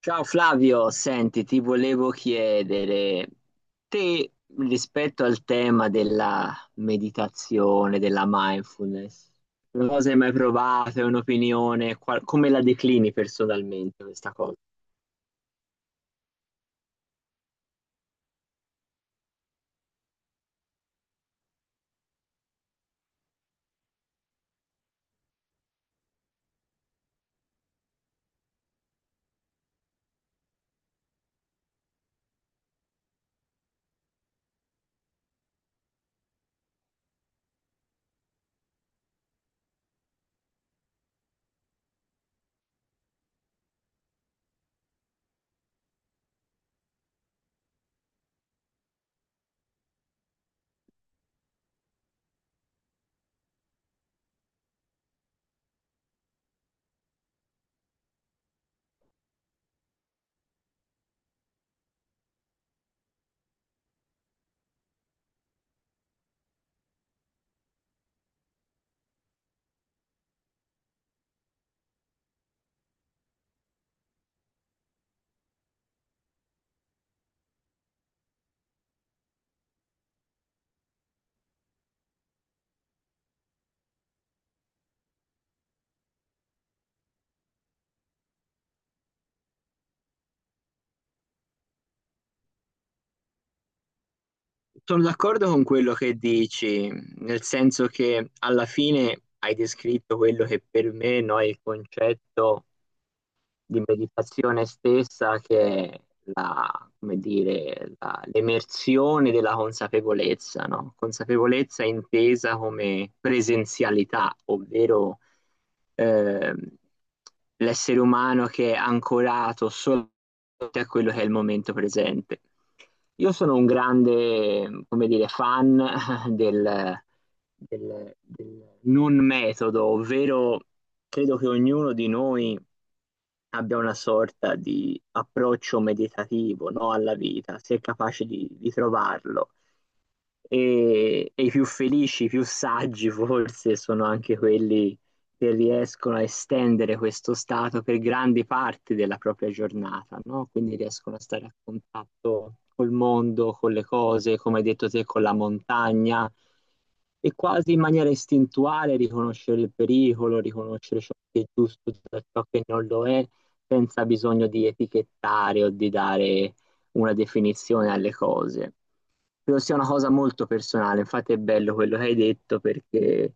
Ciao Flavio, senti, ti volevo chiedere, te rispetto al tema della meditazione, della mindfulness, non so se hai mai provato, è un'opinione, come la declini personalmente questa cosa? Sono d'accordo con quello che dici, nel senso che alla fine hai descritto quello che per me, no, è il concetto di meditazione stessa che è la, come dire, l'emersione della consapevolezza, no? Consapevolezza intesa come presenzialità, ovvero ehm, l'essere umano che è ancorato solo a quello che è il momento presente. Io sono un grande, come dire, fan del del non metodo, ovvero credo che ognuno di noi abbia una sorta di approccio meditativo, no, alla vita, se è capace di trovarlo. E i più felici, i più saggi forse sono anche quelli che riescono a estendere questo stato per grandi parti della propria giornata, no? Quindi riescono a stare a contatto col mondo, con le cose, come hai detto te, con la montagna e quasi in maniera istintuale riconoscere il pericolo, riconoscere ciò che è giusto da ciò che non lo è, senza bisogno di etichettare o di dare una definizione alle cose. Credo sia una cosa molto personale, infatti è bello quello che hai detto perché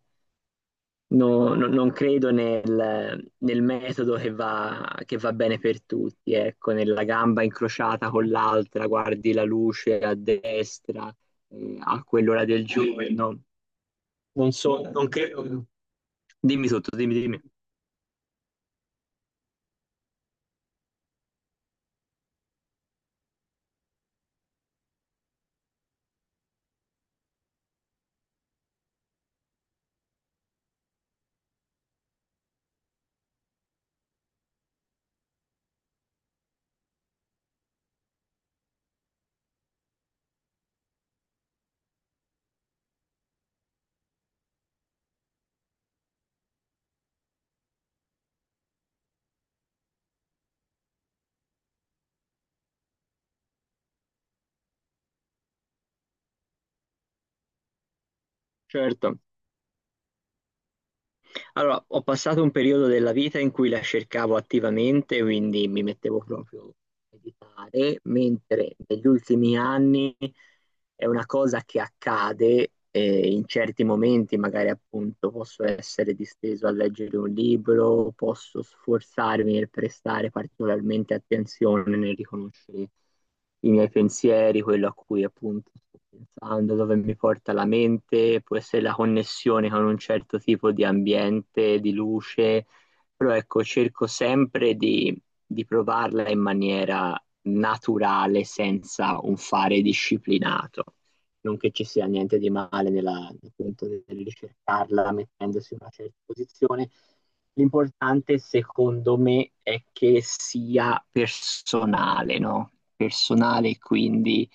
Non credo nel metodo che va bene per tutti, ecco, nella gamba incrociata con l'altra, guardi la luce a destra, a quell'ora del giorno. Non so, non credo. Dimmi tutto, dimmi, dimmi. Certo. Allora, ho passato un periodo della vita in cui la cercavo attivamente, quindi mi mettevo proprio a meditare, mentre negli ultimi anni è una cosa che accade in certi momenti, magari appunto posso essere disteso a leggere un libro, posso sforzarmi nel prestare particolarmente attenzione nel riconoscere i miei pensieri, quello a cui appunto sto pensando, dove mi porta la mente, può essere la connessione con un certo tipo di ambiente, di luce, però ecco, cerco sempre di provarla in maniera naturale senza un fare disciplinato. Non che ci sia niente di male nella, appunto, nel ricercarla mettendosi in una certa posizione. L'importante secondo me è che sia personale, no? Personale quindi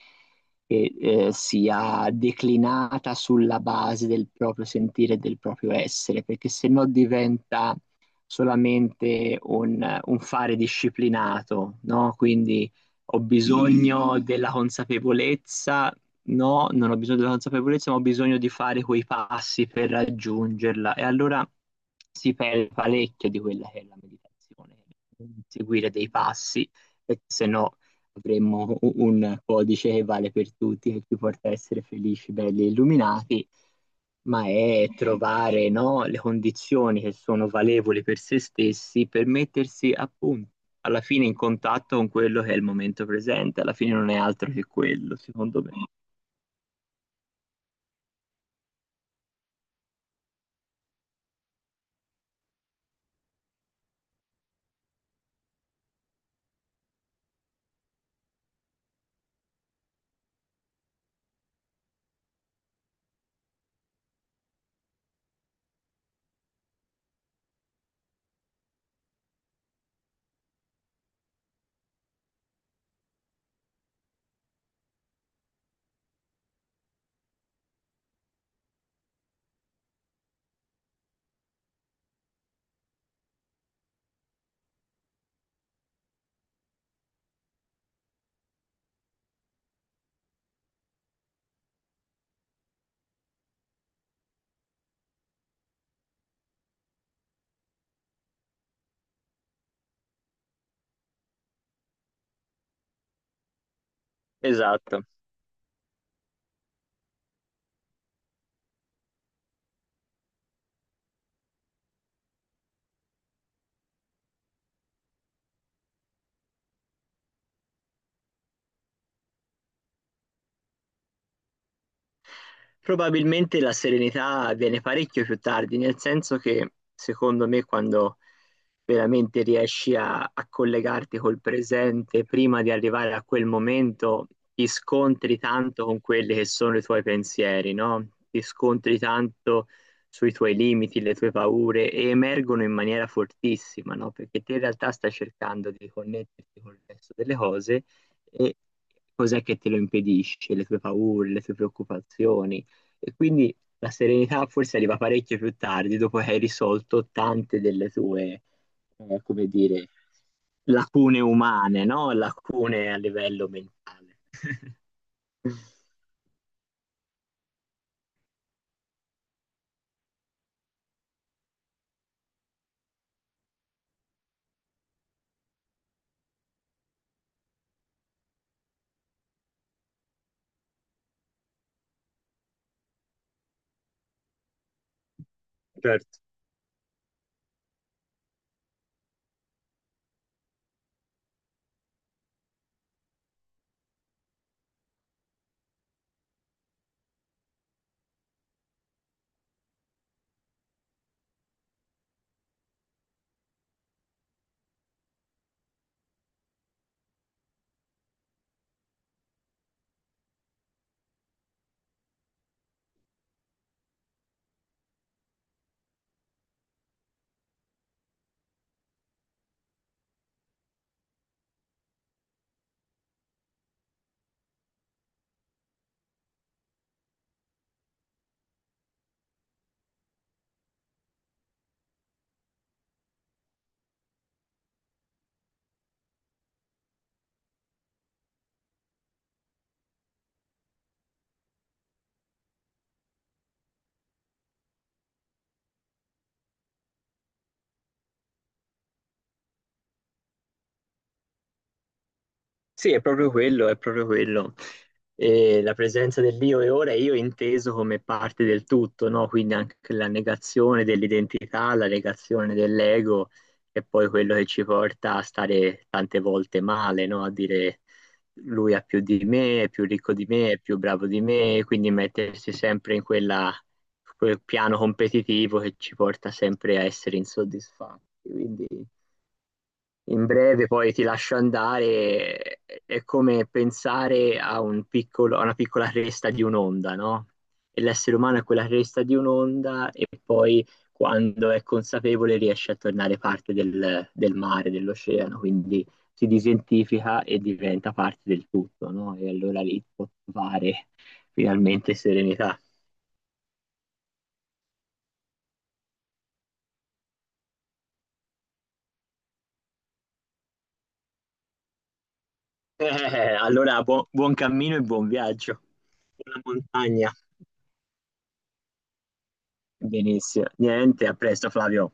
che sia declinata sulla base del proprio sentire e del proprio essere, perché se no diventa solamente un fare disciplinato, no? Quindi ho bisogno della consapevolezza. No, non ho bisogno della consapevolezza, ma ho bisogno di fare quei passi per raggiungerla. E allora si perde parecchio di quella che è la meditazione, seguire dei passi, perché se no avremmo un codice che vale per tutti, che ci porta a essere felici, belli e illuminati, ma è trovare, no, le condizioni che sono valevoli per se stessi per mettersi appunto alla fine in contatto con quello che è il momento presente, alla fine non è altro che quello, secondo me. Esatto. Probabilmente la serenità viene parecchio più tardi, nel senso che secondo me quando veramente riesci a collegarti col presente prima di arrivare a quel momento, ti scontri tanto con quelli che sono i tuoi pensieri, no? Ti scontri tanto sui tuoi limiti, le tue paure e emergono in maniera fortissima, no? Perché te in realtà stai cercando di connetterti con il resto delle cose e cos'è che te lo impedisce, le tue paure, le tue preoccupazioni. E quindi la serenità forse arriva parecchio più tardi, dopo che hai risolto tante delle tue, come dire, lacune umane, no? Lacune a livello mentale. Certo. Sì, è proprio quello, è proprio quello. E la presenza dell'io e ora è io inteso come parte del tutto, no? Quindi anche la negazione dell'identità, la negazione dell'ego, è poi quello che ci porta a stare tante volte male, no? A dire lui ha più di me, è più ricco di me, è più bravo di me, quindi mettersi sempre in quel piano competitivo che ci porta sempre a essere insoddisfatti. Quindi in breve poi ti lascio andare, è come pensare a un a una piccola cresta di un'onda, no? E l'essere umano è quella cresta di un'onda e poi quando è consapevole riesce a tornare parte del mare, dell'oceano, quindi si disidentifica e diventa parte del tutto, no? E allora lì può trovare finalmente serenità. Eh, allora buon cammino e buon viaggio. Buona montagna. Benissimo. Niente, a presto Flavio.